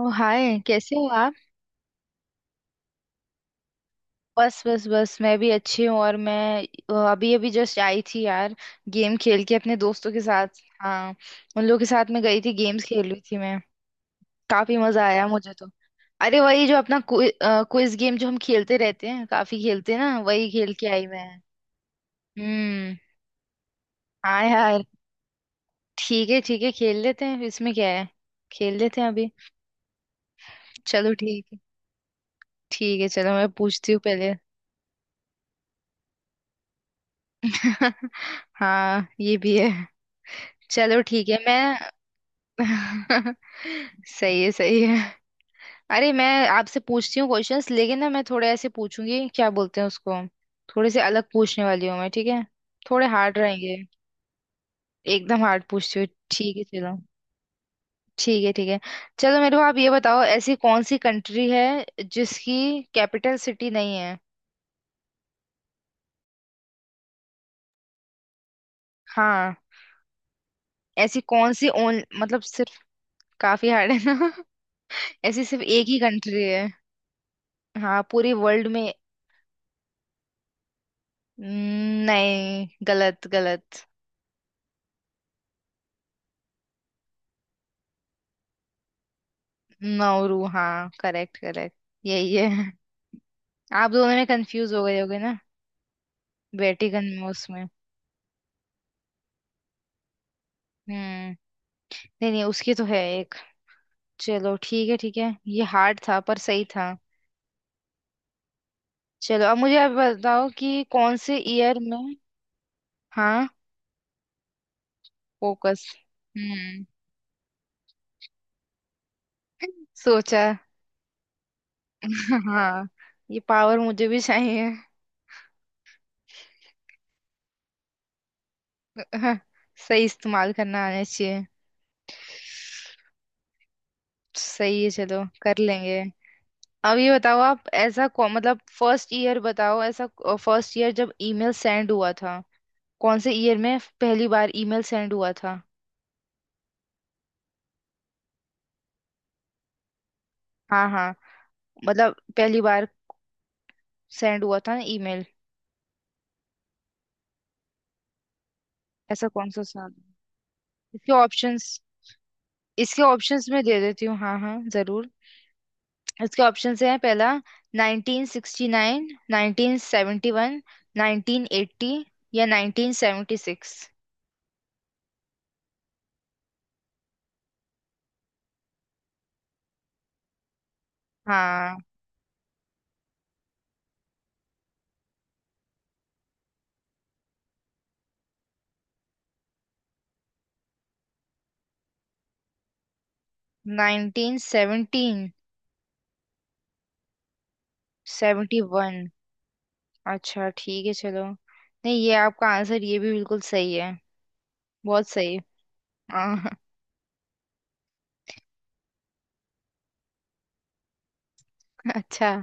ओ hi, कैसे हो आप? बस बस बस, मैं भी अच्छी हूँ। और मैं अभी अभी जस्ट आई थी यार। गेम खेल के अपने दोस्तों के साथ। हाँ, उन लोगों के साथ मैं गई थी, गेम्स खेल रही थी मैं। काफी मजा आया मुझे तो। अरे, वही जो अपना क्विज गेम जो हम खेलते रहते हैं, काफी खेलते हैं ना, वही खेल के आई मैं। हम्म। हाँ यार। ठीक है ठीक है, खेल लेते हैं, इसमें क्या है। खेल लेते हैं अभी। चलो ठीक है। ठीक है चलो, मैं पूछती हूँ पहले। हाँ, ये भी है। चलो ठीक है मैं। सही है सही है। अरे, मैं आपसे पूछती हूँ क्वेश्चंस लेकिन ना, मैं थोड़े ऐसे पूछूंगी, क्या बोलते हैं उसको, थोड़े से अलग पूछने वाली हूँ मैं, ठीक है। थोड़े हार्ड रहेंगे। एकदम हार्ड पूछती हूँ। ठीक है चलो। ठीक है ठीक है। चलो मेरे को आप ये बताओ, ऐसी कौन सी कंट्री है जिसकी कैपिटल सिटी नहीं है? हाँ। ऐसी कौन सी ओन, मतलब सिर्फ। काफी हार्ड है ना। ऐसी सिर्फ एक ही कंट्री है। हाँ, पूरी वर्ल्ड में। नहीं, गलत गलत। नौरू, हाँ, करेक्ट करेक्ट। यही है। आप दोनों में कंफ्यूज हो गए होगे ना। वेटिकन में, उसमें। हम्म। नहीं नहीं, उसकी तो है एक। चलो ठीक है ठीक है, ये हार्ड था पर सही था। चलो, अब मुझे आप बताओ कि कौन से ईयर में। हाँ। फोकस। हम्म। सोचा। हाँ। ये पावर मुझे भी चाहिए। सही इस्तेमाल करना आना चाहिए। सही है, चलो कर लेंगे। अब ये बताओ आप, ऐसा मतलब फर्स्ट ईयर बताओ ऐसा। फर्स्ट ईयर जब ईमेल सेंड हुआ था। कौन से ईयर में पहली बार ईमेल सेंड हुआ था? हाँ हाँ, मतलब पहली बार सेंड हुआ था ना ईमेल। ऐसा कौन सा साल। इसके ऑप्शंस। इसके ऑप्शंस मैं दे देती हूँ, हाँ हाँ जरूर। इसके ऑप्शंस हैं, पहला 1969, 1971, 1980 या 1976। हाँ, 1917? 71? अच्छा ठीक है चलो। नहीं, ये आपका आंसर ये भी बिल्कुल सही है। बहुत सही। हाँ। अच्छा।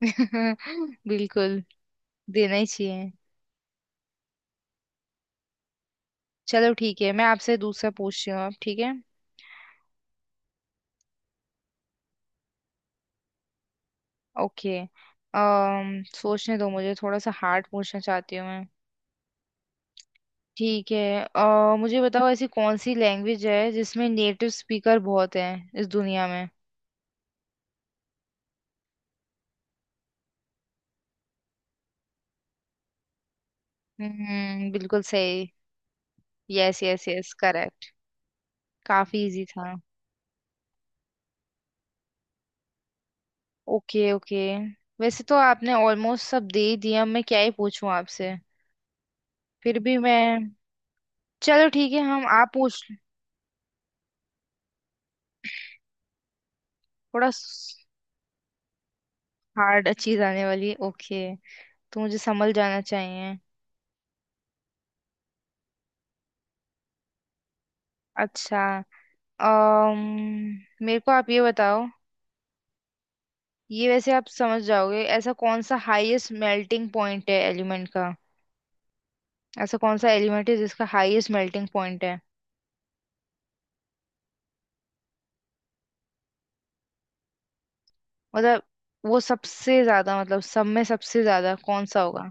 बिल्कुल। देना ही चाहिए। चलो ठीक है, मैं आपसे दूसरा पूछती हूँ अब, ठीक है। ओके। अम सोचने दो मुझे, थोड़ा सा हार्ड पूछना चाहती हूँ मैं। ठीक है, मुझे बताओ, ऐसी कौन सी लैंग्वेज है जिसमें नेटिव स्पीकर बहुत हैं इस दुनिया में? हम्म, बिल्कुल सही। Yes yes yes, correct. काफी इजी था। Okay okay. वैसे तो आपने ऑलमोस्ट सब दे ही दिया, मैं क्या ही पूछूं आपसे। फिर भी मैं। चलो ठीक है, हम, आप पूछ। थोड़ा हार्ड चीज आने वाली है, ओके। तो मुझे संभल जाना चाहिए। अच्छा। मेरे को आप ये बताओ, ये वैसे आप समझ जाओगे, ऐसा कौन सा हाईएस्ट मेल्टिंग पॉइंट है एलिमेंट का? ऐसा कौन सा एलिमेंट है जिसका हाईएस्ट मेल्टिंग पॉइंट है, मतलब वो सबसे ज्यादा, मतलब सब में सबसे ज्यादा कौन सा होगा?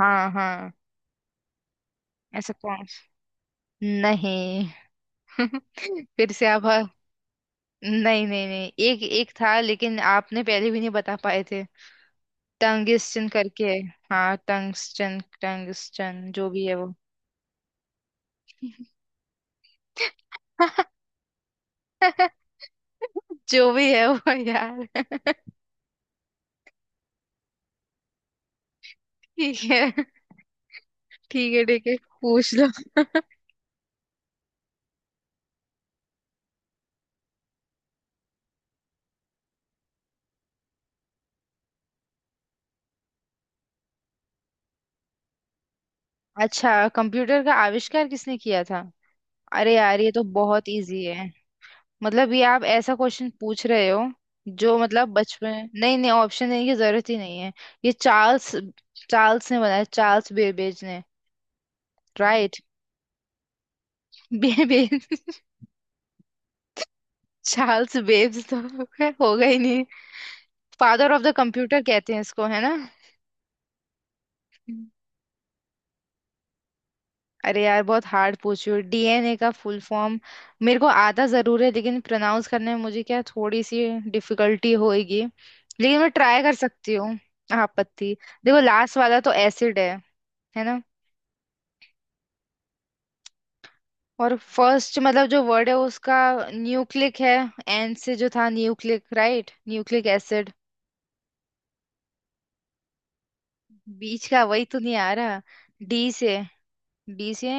हाँ हाँ। ऐसा कौन। नहीं। फिर से आप? नहीं नहीं नहीं, एक एक था लेकिन आपने पहले भी नहीं बता पाए थे। टंगिस्टन करके है। हाँ टंगस्टन, टंगस्टन जो भी है वो। जो भी है वो यार। ठीक है ठीक है। ठीक है, पूछ लो। अच्छा, कंप्यूटर का आविष्कार किसने किया था? अरे यार, ये तो बहुत इजी है। मतलब ये आप ऐसा क्वेश्चन पूछ रहे हो? जो मतलब बचपन, नहीं नहीं, ऑप्शन देने की जरूरत ही नहीं है। ये चार्ल्स, चार्ल्स ने बनाया, चार्ल्स बेबेज ने। राइट। बेबेज। चार्ल्स बेब्स तो खैर होगा ही नहीं। फादर ऑफ द कंप्यूटर कहते हैं इसको, है ना। हम्म। अरे यार, बहुत हार्ड पूछी हो, डीएनए का फुल फॉर्म। मेरे को आता जरूर है, लेकिन प्रोनाउंस करने में मुझे क्या, थोड़ी सी डिफिकल्टी होएगी। लेकिन मैं ट्राई कर सकती हूँ। आपत्ति। देखो, लास्ट वाला तो एसिड है ना। और फर्स्ट, मतलब जो वर्ड है उसका, न्यूक्लिक है। एन से जो था, न्यूक्लिक, राइट, न्यूक्लिक एसिड। बीच का वही तो नहीं आ रहा। डी से, डी से।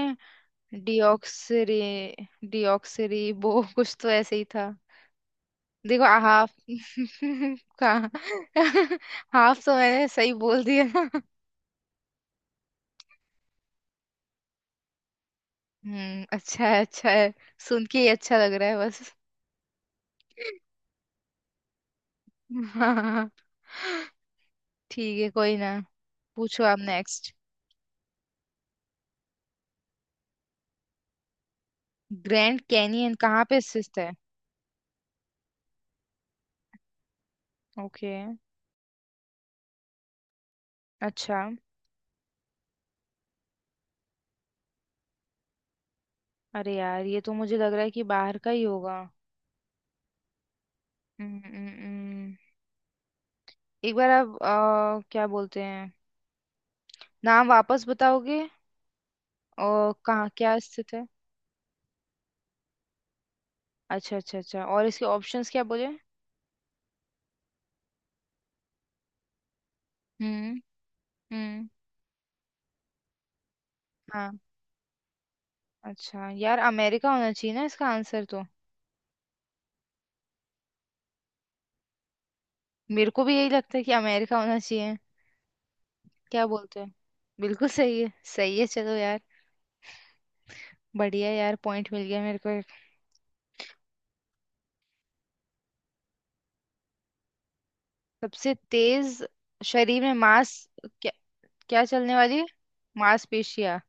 डिऑक्सरी। वो कुछ तो ऐसे ही था। देखो, हाफ। कहाँ। हाफ तो मैंने सही बोल दिया। हम्म, अच्छा है अच्छा है। सुन के ही अच्छा लग रहा है बस। हाँ। ठीक है, कोई ना। पूछो आप नेक्स्ट। ग्रैंड कैनियन कहाँ पे स्थित है? ओके। अच्छा। अरे यार, ये तो मुझे लग रहा है कि बाहर का ही होगा। हम्म, हम्म, हम्म। एक बार आप, क्या बोलते हैं, नाम वापस बताओगे, और कहाँ क्या स्थित है। अच्छा अच्छा अच्छा, और इसके ऑप्शंस क्या बोले। हम्म। हम्म। हाँ। अच्छा यार, अमेरिका होना चाहिए ना इसका आंसर तो। मेरे को भी यही लगता है कि अमेरिका होना चाहिए। क्या बोलते हैं, बिल्कुल सही है, सही है चलो यार। बढ़िया यार, पॉइंट मिल गया मेरे को एक। सबसे तेज शरीर में मांस। क्या चलने वाली? मांसपेशियां।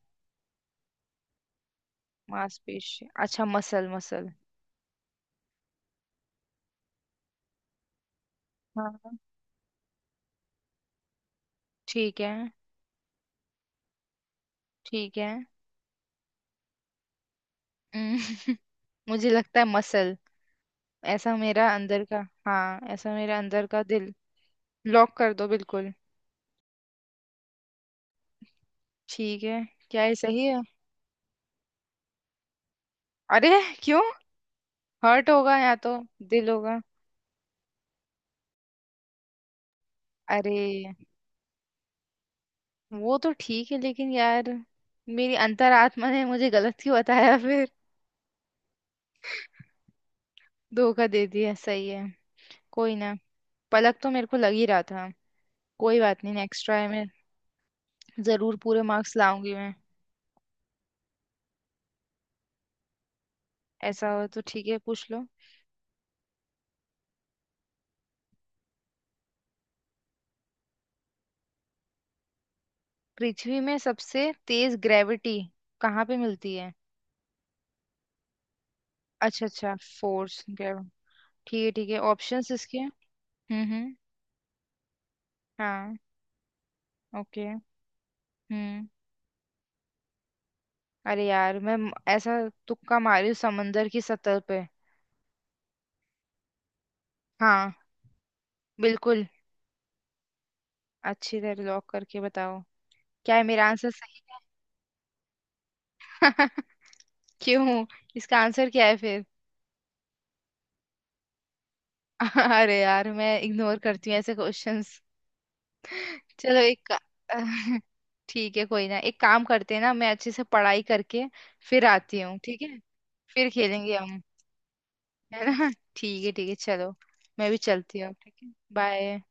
मांसपेशियां, अच्छा, मसल मसल। हाँ। ठीक है ठीक है। हम्म, मुझे लगता है मसल। ऐसा मेरा अंदर का। हाँ, ऐसा मेरा अंदर का दिल। लॉक कर दो बिल्कुल। ठीक है। क्या ये सही है? अरे, क्यों? हर्ट होगा या तो, दिल होगा। अरे वो तो ठीक है, लेकिन यार, मेरी अंतरात्मा ने मुझे गलत क्यों बताया फिर? धोखा दे दिया, सही है। कोई ना। पलक तो मेरे को लग ही रहा था। कोई बात नहीं, नेक्स्ट ट्राई में जरूर पूरे मार्क्स लाऊंगी मैं। ऐसा हो तो ठीक है, पूछ लो। पृथ्वी में सबसे तेज ग्रेविटी कहाँ पे मिलती है? अच्छा अच्छा। फोर्स, ग्रेविटी, ठीक है ठीक है, ऑप्शंस इसके। हम्म। हम्म। हाँ। ओके। हम्म। अरे यार, मैं ऐसा, तुक्का मारी हूँ, समंदर की सतह पे। हाँ। बिल्कुल। अच्छी तरह लॉक करके बताओ। क्या है मेरा आंसर, सही है? क्यों? इसका आंसर क्या है फिर? अरे यार, मैं इग्नोर करती हूँ ऐसे क्वेश्चंस। चलो, ठीक है, कोई ना, एक काम करते हैं ना, मैं अच्छे से पढ़ाई करके फिर आती हूँ, ठीक है। फिर खेलेंगे हम, है ना। ठीक है चलो। मैं भी चलती हूँ, ठीक है। बाय।